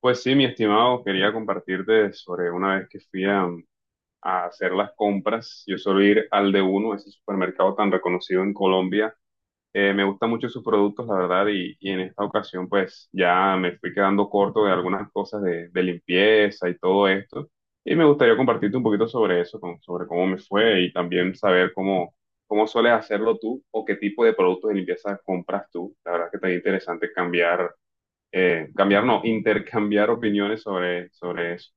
Pues sí, mi estimado, quería compartirte sobre una vez que fui a hacer las compras. Yo suelo ir al de uno, ese supermercado tan reconocido en Colombia. Me gustan mucho sus productos, la verdad, y en esta ocasión pues ya me fui quedando corto de algunas cosas de limpieza y todo esto. Y me gustaría compartirte un poquito sobre eso, sobre cómo me fue y también saber cómo sueles hacerlo tú o qué tipo de productos de limpieza compras tú. La verdad que está interesante cambiar, no, intercambiar opiniones sobre eso.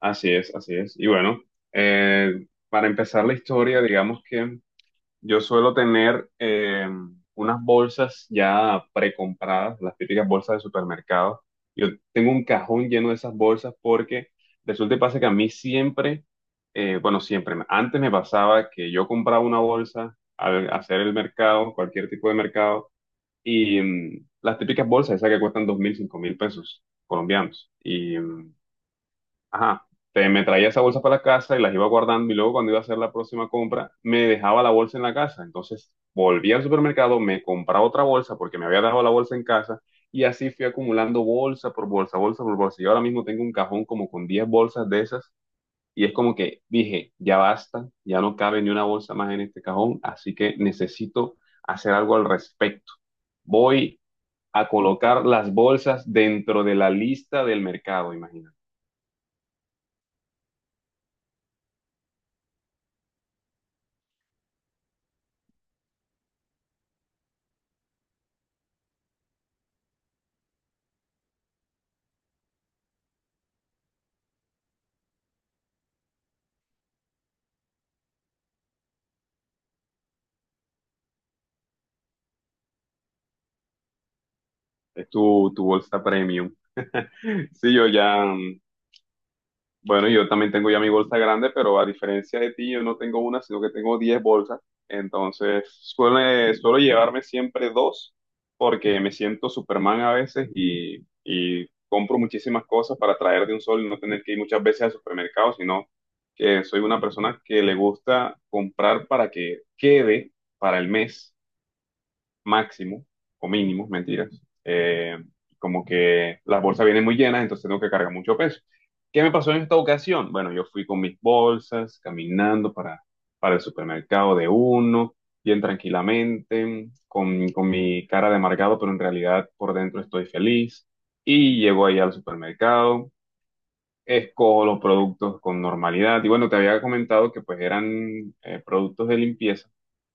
Así es, así es. Y bueno, para empezar la historia, digamos que yo suelo tener unas bolsas ya precompradas, las típicas bolsas de supermercado. Yo tengo un cajón lleno de esas bolsas porque resulta y pasa que a mí siempre, bueno, siempre, antes me pasaba que yo compraba una bolsa al hacer el mercado, cualquier tipo de mercado. Y las típicas bolsas, esas que cuestan 2.000, 5.000 pesos colombianos. Y, ajá, me traía esa bolsa para la casa y las iba guardando y luego cuando iba a hacer la próxima compra, me dejaba la bolsa en la casa. Entonces volví al supermercado, me compraba otra bolsa porque me había dejado la bolsa en casa y así fui acumulando bolsa por bolsa, bolsa por bolsa. Y ahora mismo tengo un cajón como con 10 bolsas de esas y es como que dije, ya basta, ya no cabe ni una bolsa más en este cajón, así que necesito hacer algo al respecto. Voy a colocar las bolsas dentro de la lista del mercado, imagínate. Es tu bolsa premium. Sí, yo ya, bueno, yo también tengo ya mi bolsa grande, pero a diferencia de ti, yo no tengo una, sino que tengo 10 bolsas. Entonces, suelo llevarme siempre dos, porque me siento Superman a veces y compro muchísimas cosas para traer de un solo y no tener que ir muchas veces al supermercado, sino que soy una persona que le gusta comprar para que quede para el mes. Máximo o mínimo, mentiras. Eh, Como que las bolsas vienen muy llenas, entonces tengo que cargar mucho peso. ¿Qué me pasó en esta ocasión? Bueno, yo fui con mis bolsas, caminando para el supermercado de uno, bien tranquilamente, con mi cara de amargado, pero en realidad por dentro estoy feliz. Y llego ahí al supermercado, escojo los productos con normalidad. Y bueno, te había comentado que pues eran productos de limpieza.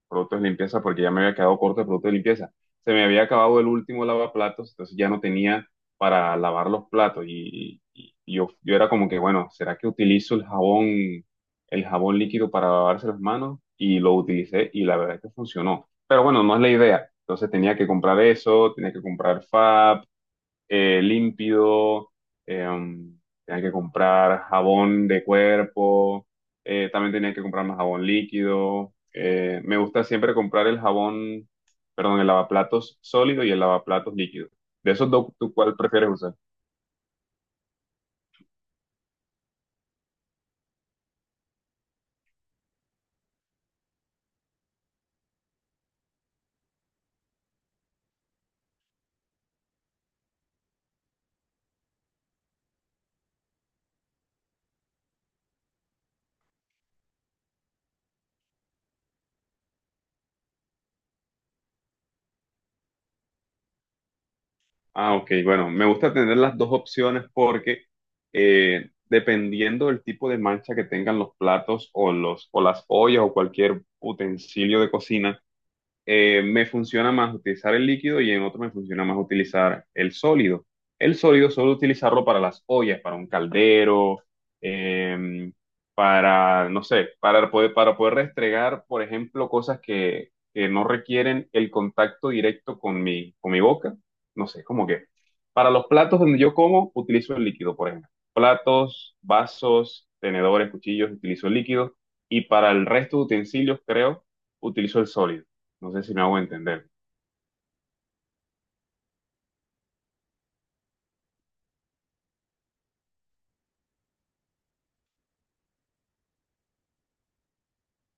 Porque ya me había quedado corto de productos de limpieza. Se me había acabado el último lavaplatos, entonces ya no tenía para lavar los platos y yo era como que, bueno, ¿será que utilizo el jabón líquido para lavarse las manos? Y lo utilicé y la verdad es que funcionó. Pero bueno, no es la idea. Entonces tenía que comprar eso, tenía que comprar Fab, Límpido, eh, tenía que comprar jabón de cuerpo, también tenía que comprar más jabón líquido. Me gusta siempre comprar el jabón, perdón, el lavaplatos sólido y el lavaplatos líquido. De esos dos, ¿tú cuál prefieres usar? Ah, ok, bueno, me gusta tener las dos opciones porque dependiendo del tipo de mancha que tengan los platos o las ollas o cualquier utensilio de cocina, me funciona más utilizar el líquido y en otro me funciona más utilizar el sólido. El sólido solo utilizarlo para las ollas, para un caldero, eh, para, no sé, para poder restregar, por ejemplo, cosas que no requieren el contacto directo con mi boca. No sé, como que para los platos donde yo como, utilizo el líquido, por ejemplo. Platos, vasos, tenedores, cuchillos, utilizo el líquido. Y para el resto de utensilios, creo, utilizo el sólido. No sé si me hago entender.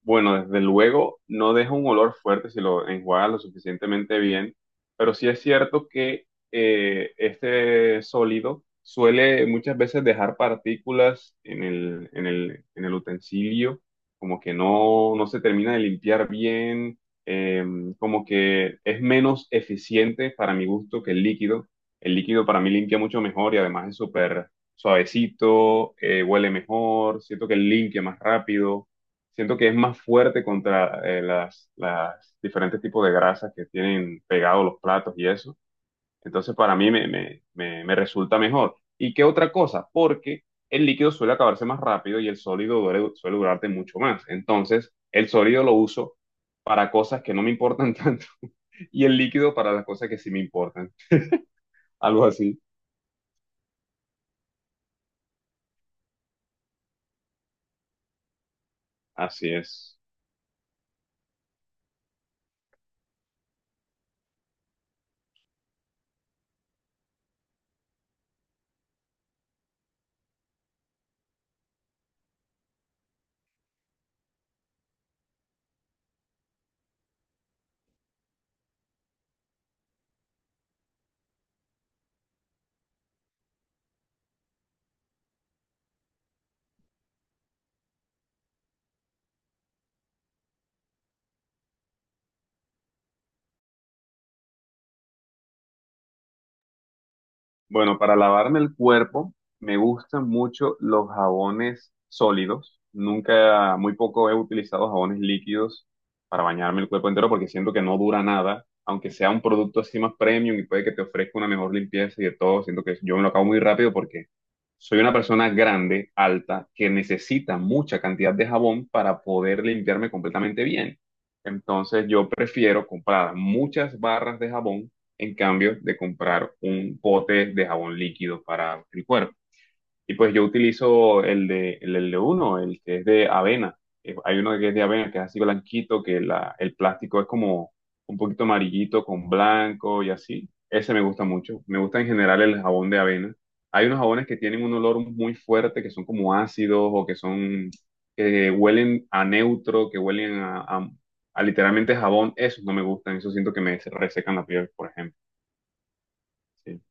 Bueno, desde luego no deja un olor fuerte si lo enjuagas lo suficientemente bien, pero sí es cierto que este sólido suele muchas veces dejar partículas en el utensilio, como que no se termina de limpiar bien, eh, como que es menos eficiente para mi gusto que el líquido. El líquido para mí limpia mucho mejor y además es súper suavecito, huele mejor, siento que limpia más rápido, siento que es más fuerte contra las diferentes tipos de grasas que tienen pegados los platos y eso. Entonces para mí me resulta mejor. ¿Y qué otra cosa? Porque el líquido suele acabarse más rápido y el sólido suele durarte mucho más. Entonces el sólido lo uso para cosas que no me importan tanto y el líquido para las cosas que sí me importan. Algo así. Así es. Bueno, para lavarme el cuerpo me gustan mucho los jabones sólidos. Nunca, muy poco he utilizado jabones líquidos para bañarme el cuerpo entero porque siento que no dura nada. Aunque sea un producto así más premium y puede que te ofrezca una mejor limpieza y de todo, siento que yo me lo acabo muy rápido porque soy una persona grande, alta, que necesita mucha cantidad de jabón para poder limpiarme completamente bien. Entonces yo prefiero comprar muchas barras de jabón en cambio de comprar un pote de jabón líquido para el cuerpo. Y pues yo utilizo el de uno, el que es de avena. Hay uno que es de avena, que es así blanquito, que el plástico es como un poquito amarillito con blanco y así. Ese me gusta mucho. Me gusta en general el jabón de avena. Hay unos jabones que tienen un olor muy fuerte, que son como ácidos o que son, que huelen a neutro, que huelen a, literalmente jabón. Esos no me gustan, eso siento que me resecan la piel, por ejemplo. Sí,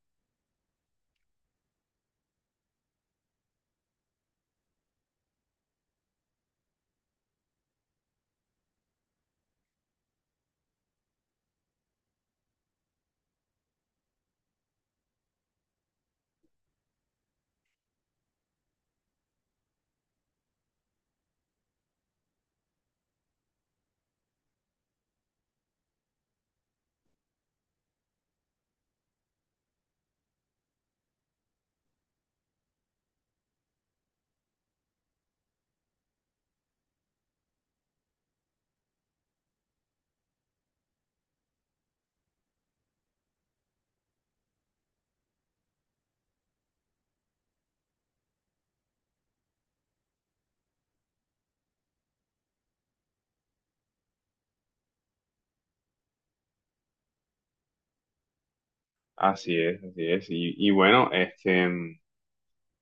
así es, así es. Y bueno, este,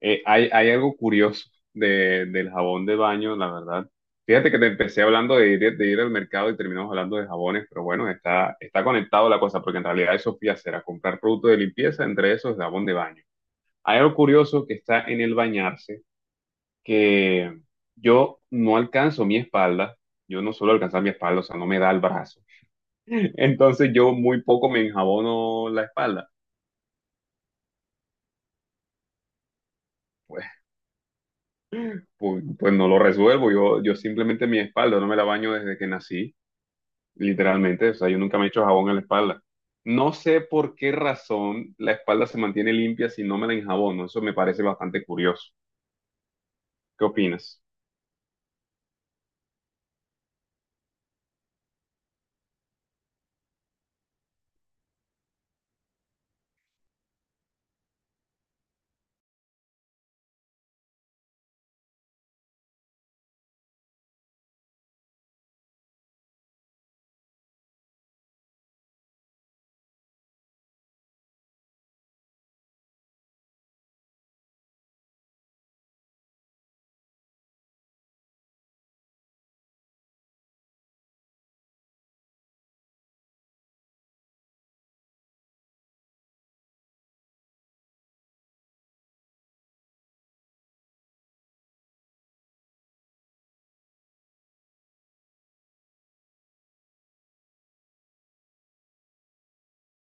hay algo curioso del jabón de baño, la verdad. Fíjate que te empecé hablando de ir al mercado y terminamos hablando de jabones, pero bueno, está conectado la cosa, porque en realidad eso fui a hacer, a comprar productos de limpieza, entre esos jabón de baño. Hay algo curioso que está en el bañarse, que yo no alcanzo mi espalda, yo no suelo alcanzar mi espalda, o sea, no me da el brazo. Entonces yo muy poco me enjabono la espalda pues. Pues no lo resuelvo. Yo simplemente mi espalda no me la baño desde que nací, literalmente. O sea, yo nunca me he hecho jabón en la espalda. No sé por qué razón la espalda se mantiene limpia si no me la enjabono. Eso me parece bastante curioso. ¿Qué opinas?